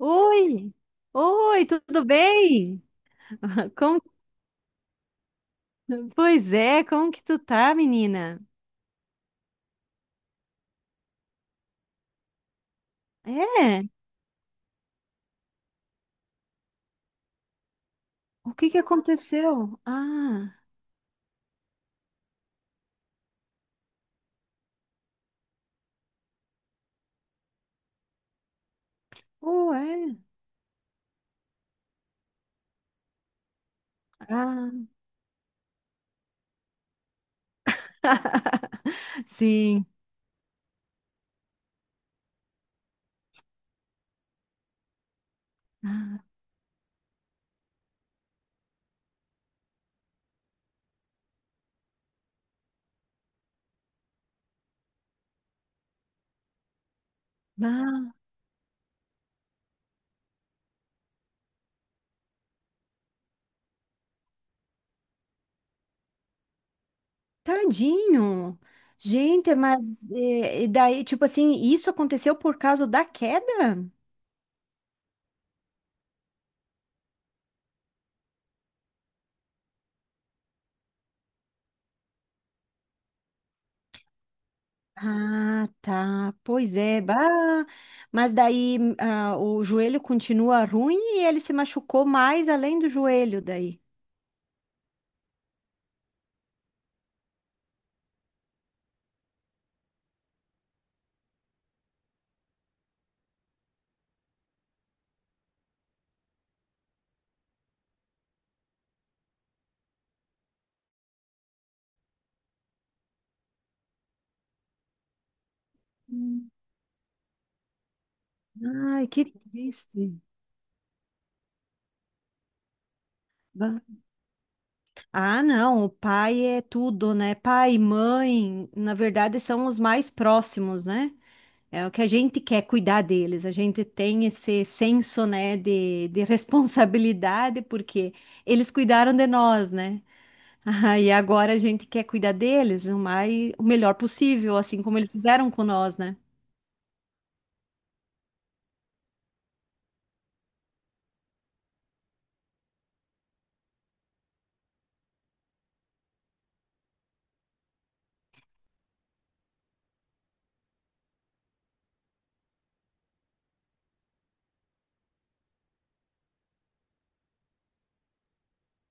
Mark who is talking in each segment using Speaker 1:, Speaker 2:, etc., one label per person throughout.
Speaker 1: Oi! Oi, tudo bem? Como... como que tu tá, menina? É, o que que aconteceu? Ah, ué, ah. Sim. Ah, ah, tadinho. Gente, mas é, e daí, tipo assim, isso aconteceu por causa da queda? Ah, tá. Pois é. Bah. Mas daí ah, o joelho continua ruim e ele se machucou mais além do joelho daí. Hum. Ai, que triste. Bah. Ah, não, o pai é tudo, né? Pai e mãe, na verdade, são os mais próximos, né? É o que a gente quer cuidar deles. A gente tem esse senso, né, de responsabilidade, porque eles cuidaram de nós, né? Ah, e agora a gente quer cuidar deles o mais, o melhor possível, assim como eles fizeram com nós, né?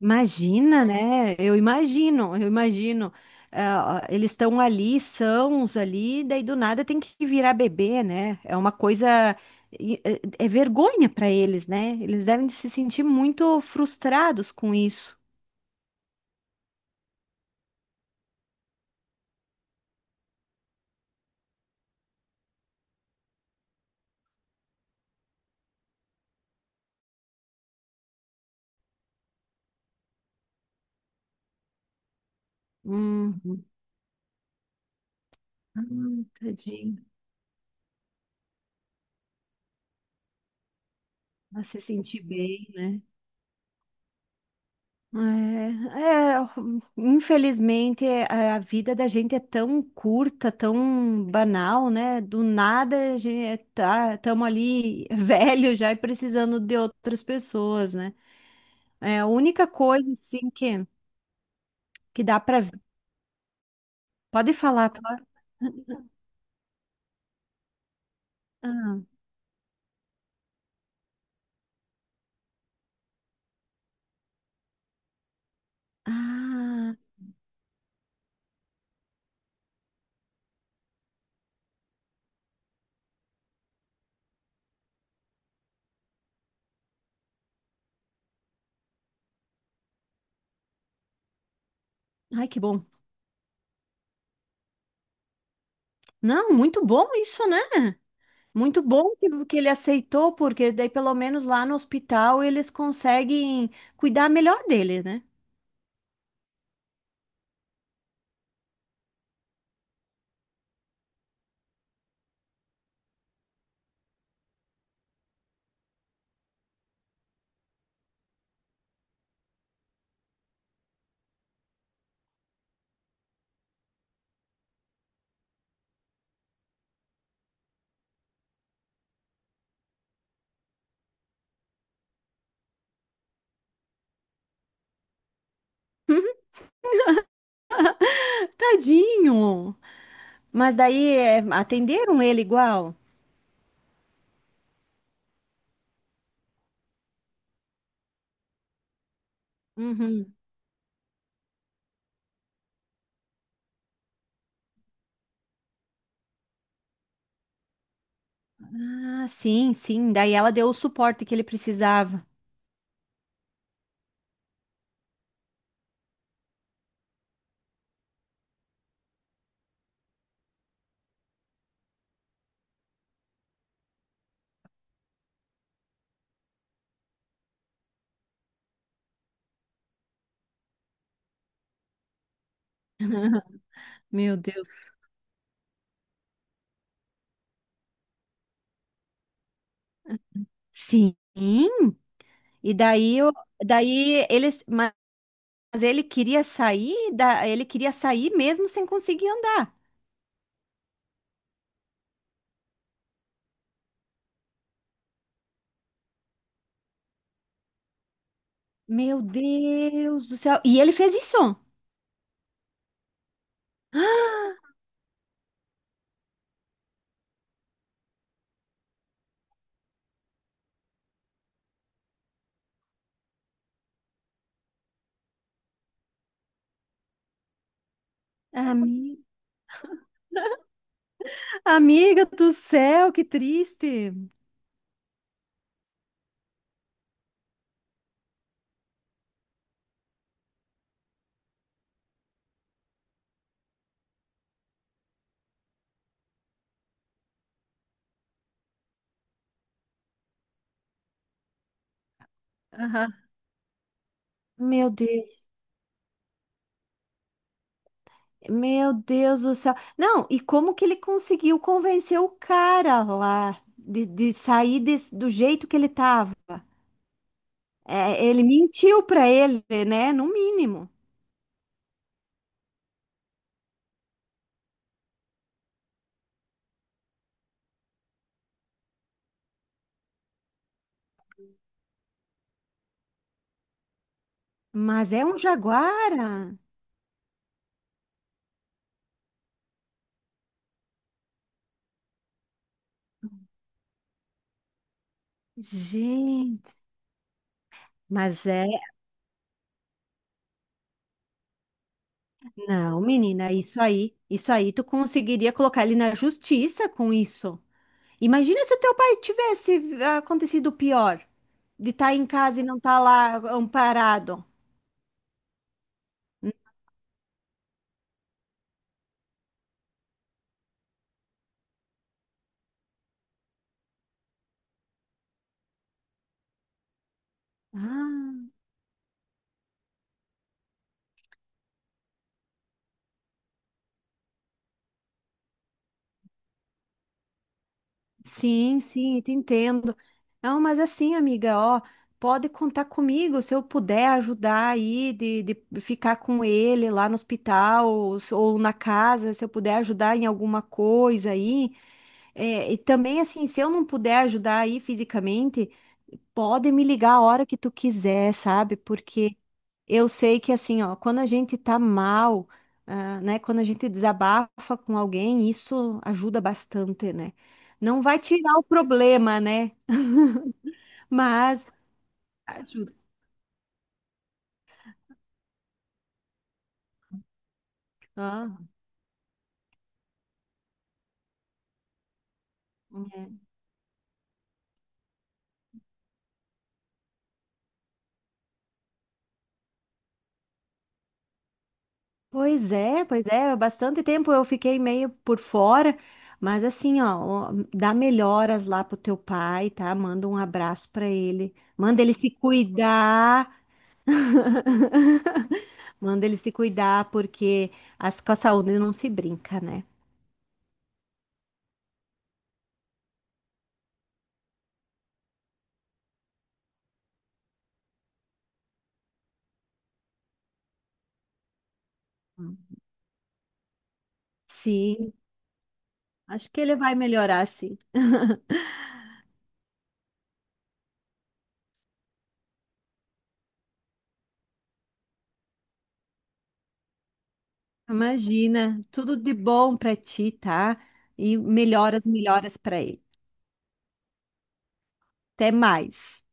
Speaker 1: Imagina, né? Eu imagino, eu imagino. Ah, eles estão ali, são os ali, daí do nada tem que virar bebê, né? É uma coisa. E- É vergonha para eles, né? Eles devem se sentir muito frustrados com isso. Uhum. Ah, tadinho. Pra se sentir bem, né? É, é, infelizmente é, a vida da gente é tão curta, tão banal, né? Do nada a gente tá, estamos ali velho já e precisando de outras pessoas, né? É a única coisa assim que dá para pode falar. Pode- Ah, ah, ai que bom. Não, muito bom isso, né? Muito bom que ele aceitou, porque daí pelo menos lá no hospital eles conseguem cuidar melhor dele, né? Tadinho! Mas daí é, atenderam ele igual? Uhum. Ah, sim, sim. Daí ela deu o suporte que ele precisava. Meu Deus. Sim. E daí, eu, daí ele, mas ele queria sair, da, ele queria sair mesmo sem conseguir andar. Meu Deus do céu. E ele fez isso. Ami- Amiga do céu, que triste. Aham. Meu Deus. Meu Deus do céu. Não, e como que ele conseguiu convencer o cara lá de sair desse- do jeito que ele tava? É, ele mentiu pra ele, né? No mínimo. Mas é um jaguara. Gente, mas é. Não, menina, isso aí tu conseguiria colocar ele na justiça com isso. Imagina se o teu pai tivesse acontecido o pior, de estar em casa e não estar lá amparado. Ah. Sim, sim, te entendo. Não, mas assim, amiga, ó, pode contar comigo se eu puder ajudar aí de ficar com ele lá no hospital ou, se- ou na casa, se eu puder ajudar em alguma coisa aí. É, e também, assim, se eu não puder ajudar aí fisicamente, pode me ligar a hora que tu quiser, sabe? Porque eu sei que assim, ó, quando a gente tá mal, ah, né, quando a gente desabafa com alguém, isso ajuda bastante, né? Não vai tirar o problema, né? Mas ajuda. Ah, é. Pois é, pois é, bastante tempo eu fiquei meio por fora, mas assim, ó, ó, dá melhoras lá pro teu pai, tá? Manda um abraço pra ele, manda ele se cuidar. Manda ele se cuidar, porque as, com a saúde não se brinca, né? Hum. Sim, acho que ele vai melhorar, sim. Imagina, tudo de bom para ti, tá? E melhoras, melhoras para ele. Até mais.